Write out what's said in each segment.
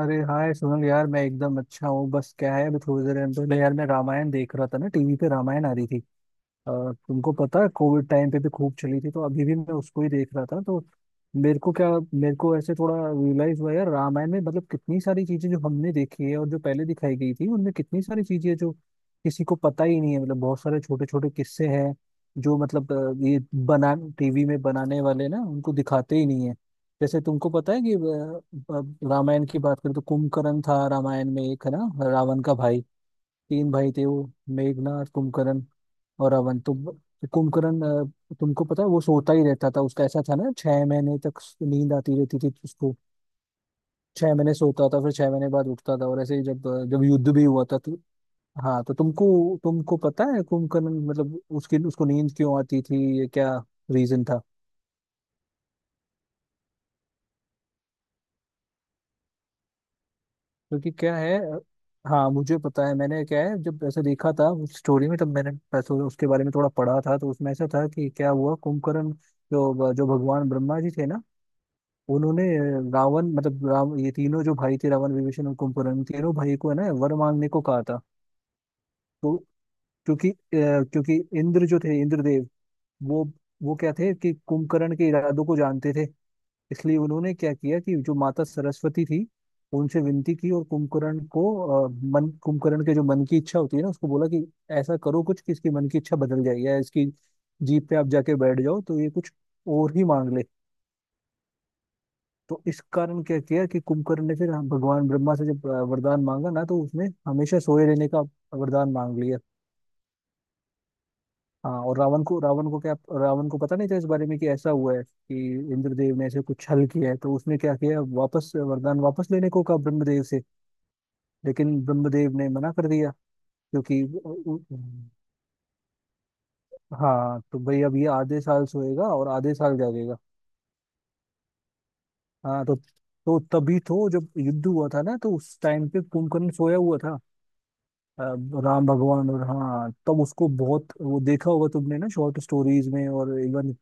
अरे हाय सुनील यार, मैं एकदम अच्छा हूँ। बस क्या है, अभी थोड़ी देर पहले यार मैं रामायण देख रहा था ना, टीवी पे रामायण आ रही थी। अ, तुमको पता है कोविड टाइम पे भी खूब चली थी, तो अभी भी मैं उसको ही देख रहा था। तो मेरे को क्या मेरे को ऐसे थोड़ा रियलाइज हुआ यार, रामायण में मतलब कितनी सारी चीजें जो हमने देखी है, और जो पहले दिखाई गई थी उनमें कितनी सारी चीजें हैं जो किसी को पता ही नहीं है। मतलब बहुत सारे छोटे छोटे किस्से हैं जो मतलब ये बना टीवी में बनाने वाले ना, उनको दिखाते ही नहीं है। जैसे तुमको पता है कि रामायण की बात करें तो कुंभकर्ण था रामायण में, एक है ना, रावण का भाई। तीन भाई थे वो, मेघनाथ, कुंभकर्ण और कुंभकर्ण। तुमको पता है वो सोता ही रहता था। उसका ऐसा था ना, 6 महीने तक नींद आती रहती थी उसको। 6 महीने सोता था, फिर 6 महीने बाद उठता था। और ऐसे ही जब जब युद्ध भी हुआ था तो। हाँ, तो तुमको तुमको पता है कुंभकर्ण मतलब उसकी उसको नींद क्यों आती थी, ये क्या रीजन था? क्योंकि क्या है हाँ मुझे पता है। मैंने क्या है जब ऐसे देखा था उस स्टोरी में, तब मैंने बस उसके बारे में थोड़ा पढ़ा था। तो उसमें ऐसा था कि क्या हुआ कुंभकर्ण, जो जो भगवान ब्रह्मा जी थे ना, उन्होंने रावण मतलब राम, ये तीनों जो भाई थे, रावण, विभीषण और कुंभकर्ण, तीनों भाई को है ना वर मांगने को कहा था। तो क्योंकि क्योंकि इंद्र जो थे, इंद्रदेव, वो वो क्या थे कि कुंभकर्ण के इरादों को जानते थे। इसलिए उन्होंने क्या किया कि जो माता सरस्वती थी, उनसे विनती की। और कुंभकर्ण को अ, मन कुंभकर्ण के जो मन की इच्छा होती है ना, उसको बोला कि ऐसा करो कुछ कि इसकी मन की इच्छा बदल जाए, या इसकी जीप पे आप जाके बैठ जाओ तो ये कुछ और ही मांग ले। तो इस कारण क्या किया कि कुंभकर्ण ने फिर भगवान ब्रह्मा से जब वरदान मांगा ना, तो उसने हमेशा सोए रहने का वरदान मांग लिया। हाँ। और रावण को पता नहीं था इस बारे में कि ऐसा हुआ है कि इंद्रदेव ने ऐसे कुछ छल किया है। तो उसने क्या किया, वापस वरदान वापस लेने को कहा ब्रह्मदेव से, लेकिन ब्रह्मदेव ने मना कर दिया। क्योंकि उ- हाँ तो भाई अब ये आधे साल सोएगा और आधे साल जागेगा। हाँ तो तभी तो जब युद्ध हुआ था ना, तो उस टाइम पे कुंभकर्ण सोया हुआ था। अ, राम भगवान और हाँ तब उसको बहुत वो देखा होगा तुमने ना, शॉर्ट स्टोरीज में और इवन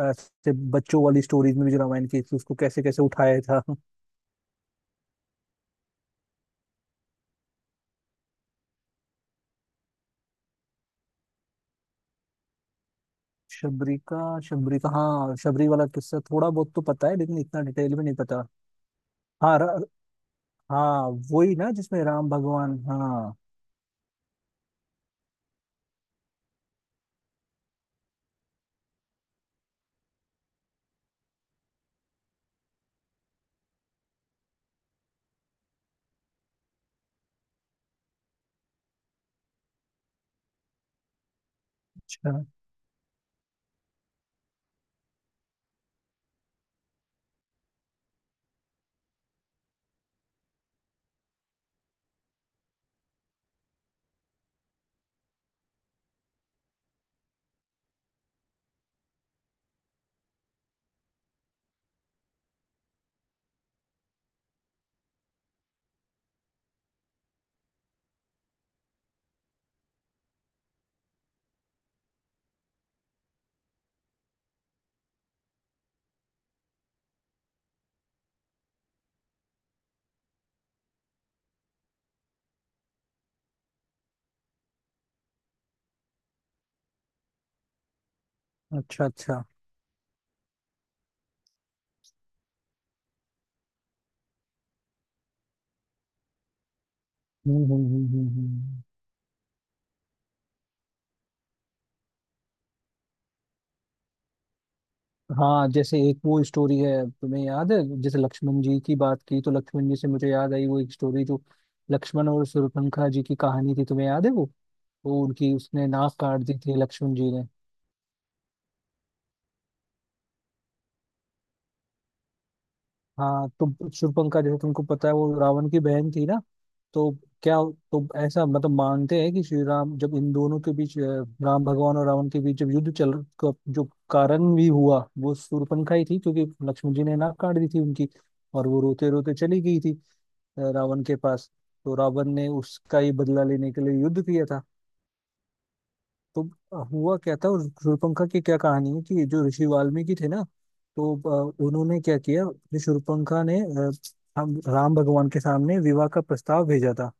ऐसे बच्चों वाली स्टोरीज में भी जो रामायण की थी, उसको कैसे कैसे उठाया था। शबरी का, शबरी का हाँ, शबरी वाला किस्सा थोड़ा बहुत तो पता है, लेकिन इतना डिटेल में नहीं पता। हाँ र, हाँ वही ना जिसमें राम भगवान, हाँ। अच्छा, अच्छा, अच्छा। हम्म, हम्म, हम्म, हम्म, हाँ जैसे एक वो स्टोरी है तुम्हें याद है, जैसे लक्ष्मण जी की बात की तो लक्ष्मण जी से मुझे याद आई वो एक स्टोरी जो लक्ष्मण और शूर्पणखा जी की कहानी थी, तुम्हें याद है वो? वो उनकी उसने नाक काट दी थी लक्ष्मण जी ने। हाँ तो शूर्पणखा, जैसे तुमको पता है, वो रावण की बहन थी ना। तो क्या, तो ऐसा मतलब मानते हैं कि श्री राम जब इन दोनों के बीच राम भगवान और रावण के बीच जब युद्ध चल का जो कारण भी हुआ वो शूर्पणखा ही थी, क्योंकि लक्ष्मण जी ने नाक काट दी थी उनकी। और वो रोते रोते चली गई थी रावण के पास। तो रावण ने उसका ही बदला लेने के लिए युद्ध किया था। तो हुआ क्या था, और शूर्पणखा की क्या कहानी है कि जो ऋषि वाल्मीकि थे ना, तो उन्होंने क्या किया कि शूर्पणखा ने अ, हम राम भगवान के सामने विवाह का प्रस्ताव भेजा था।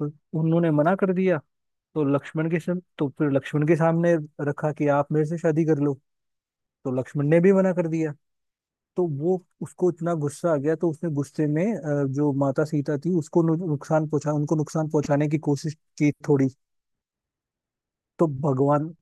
तो उन्होंने मना कर दिया। तो तो फिर लक्ष्मण के सामने रखा कि आप मेरे से शादी कर लो। तो लक्ष्मण ने भी मना कर दिया। तो वो उसको इतना गुस्सा आ गया, तो उसने गुस्से में जो माता सीता थी उसको नुकसान पहुंचा उनको नुकसान पहुंचाने की कोशिश की थोड़ी। तो भगवान,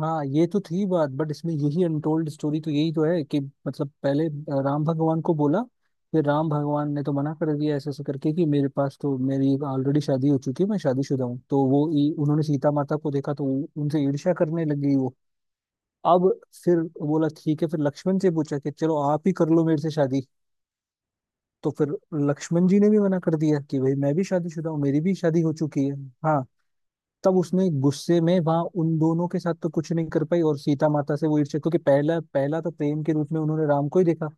हाँ ये तो थी बात, बट इसमें यही अनटोल्ड स्टोरी तो यही तो है कि मतलब पहले राम भगवान को बोला, फिर राम भगवान ने तो मना कर दिया ऐसे ऐसे करके कि मेरे पास तो मेरी ऑलरेडी शादी हो चुकी है, मैं शादीशुदा हूँ। तो वो उन्होंने सीता माता को देखा तो उनसे ईर्ष्या करने लग गई वो। अब फिर बोला, ठीक है, फिर लक्ष्मण से पूछा कि चलो आप ही कर लो मेरे से शादी। तो फिर लक्ष्मण जी ने भी मना कर दिया कि भाई मैं भी शादीशुदा हूँ, मेरी भी शादी हो चुकी है। हाँ, तब उसने गुस्से में वहां उन दोनों के साथ तो कुछ नहीं कर पाई, और सीता माता से वो ईर्ष्या, क्योंकि पहला पहला तो प्रेम के रूप में उन्होंने राम को ही देखा।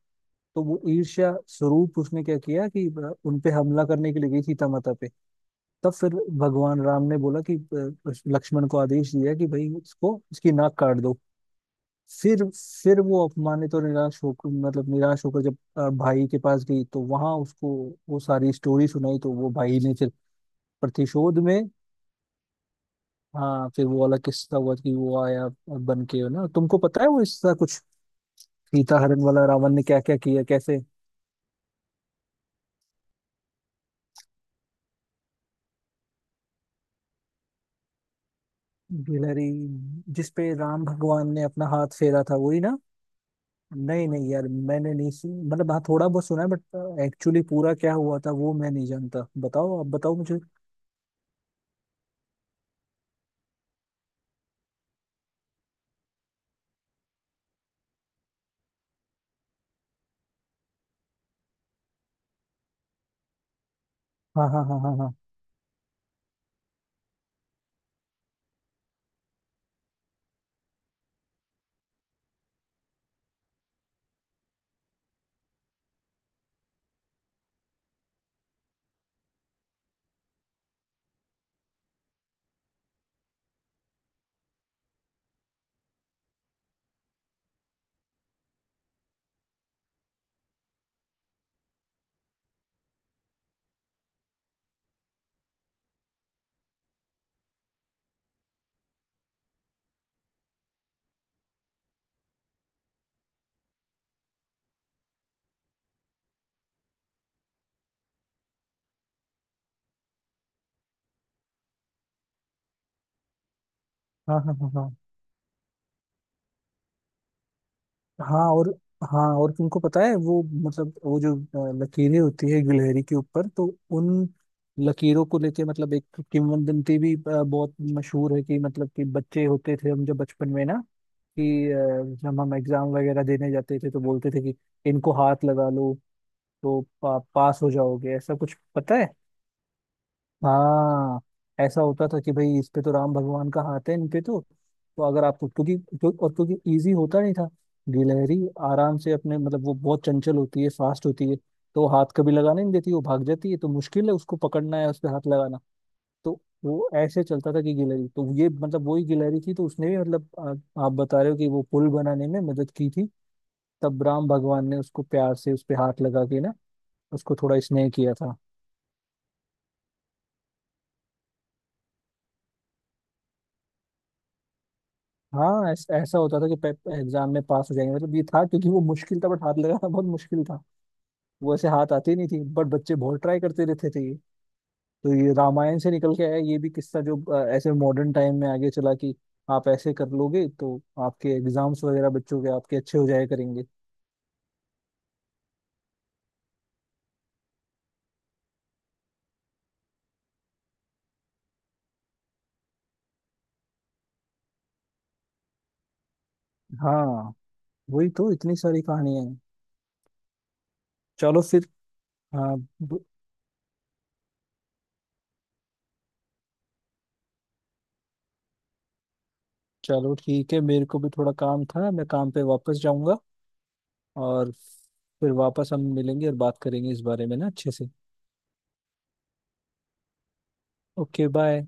तो वो ईर्ष्या स्वरूप उसने क्या किया कि उन पे हमला करने के लिए गई सीता माता पे। तब फिर भगवान राम ने बोला कि लक्ष्मण को आदेश दिया कि भाई इसको इसकी नाक काट दो। फिर वो अपमानित और निराश होकर, मतलब निराश होकर जब भाई के पास गई तो वहां उसको वो सारी स्टोरी सुनाई। तो वो भाई ने फिर प्रतिशोध में, हाँ फिर वो वाला किस्सा हुआ कि वो आया बन के ना, तुमको पता है वो इसका कुछ सीता हरण वाला, रावण ने क्या क्या किया, कैसे। गिलहरी, जिसपे राम भगवान ने अपना हाथ फेरा था, वही ना? नहीं नहीं यार, मैंने नहीं सुन, मतलब हाँ थोड़ा बहुत सुना है, बट एक्चुअली पूरा क्या हुआ था वो मैं नहीं जानता, बताओ, आप बताओ मुझे। हाँ हाँ हाँ हाँ हाँ। हाँ हाँ हाँ हाँ हाँ। और हाँ, और तुमको पता है वो मतलब वो जो लकीरें होती है गिलहरी के ऊपर, तो उन लकीरों को लेके मतलब एक किंवदंती भी बहुत मशहूर है कि मतलब कि बच्चे होते थे हम जब बचपन में ना, कि जब हम एग्जाम वगैरह देने जाते थे तो बोलते थे कि इनको हाथ लगा लो तो पास हो जाओगे, ऐसा कुछ पता है? हाँ, ऐसा होता था कि भाई इस पे तो राम भगवान का हाथ है, इन पे तो अगर आपको क्योंकि क्यों, और क्योंकि इजी होता नहीं था गिलहरी, आराम से अपने मतलब वो बहुत चंचल होती है, फास्ट होती है। तो वो हाथ कभी लगाने नहीं देती, वो भाग जाती है, तो मुश्किल है उसको पकड़ना है, उस पे हाथ लगाना। तो वो ऐसे चलता था कि गिलहरी तो ये मतलब वही गिलहरी थी, तो उसने भी मतलब, आप बता रहे हो कि वो पुल बनाने में मदद की थी, तब राम भगवान ने उसको प्यार से उस पे हाथ लगा के ना, उसको थोड़ा स्नेह किया था। हाँ, ऐसा होता था कि एग्जाम में पास हो जाएंगे, मतलब ये था, क्योंकि वो मुश्किल था, बट हाथ लगाना बहुत मुश्किल था। वो ऐसे हाथ आते ही नहीं थी, बट बच्चे बहुत ट्राई करते रहते थे ये। तो ये रामायण से निकल के आया ये भी किस्सा जो ऐसे मॉडर्न टाइम में आगे चला कि आप ऐसे कर लोगे तो आपके एग्जाम्स वगैरह बच्चों के आपके अच्छे हो जाया करेंगे। हाँ, वही तो, इतनी सारी कहानियां हैं। चलो फिर, हाँ, ब- चलो ठीक है, मेरे को भी थोड़ा काम था, मैं काम पे वापस जाऊंगा। और फिर वापस हम मिलेंगे और बात करेंगे इस बारे में ना अच्छे से। Okay, bye.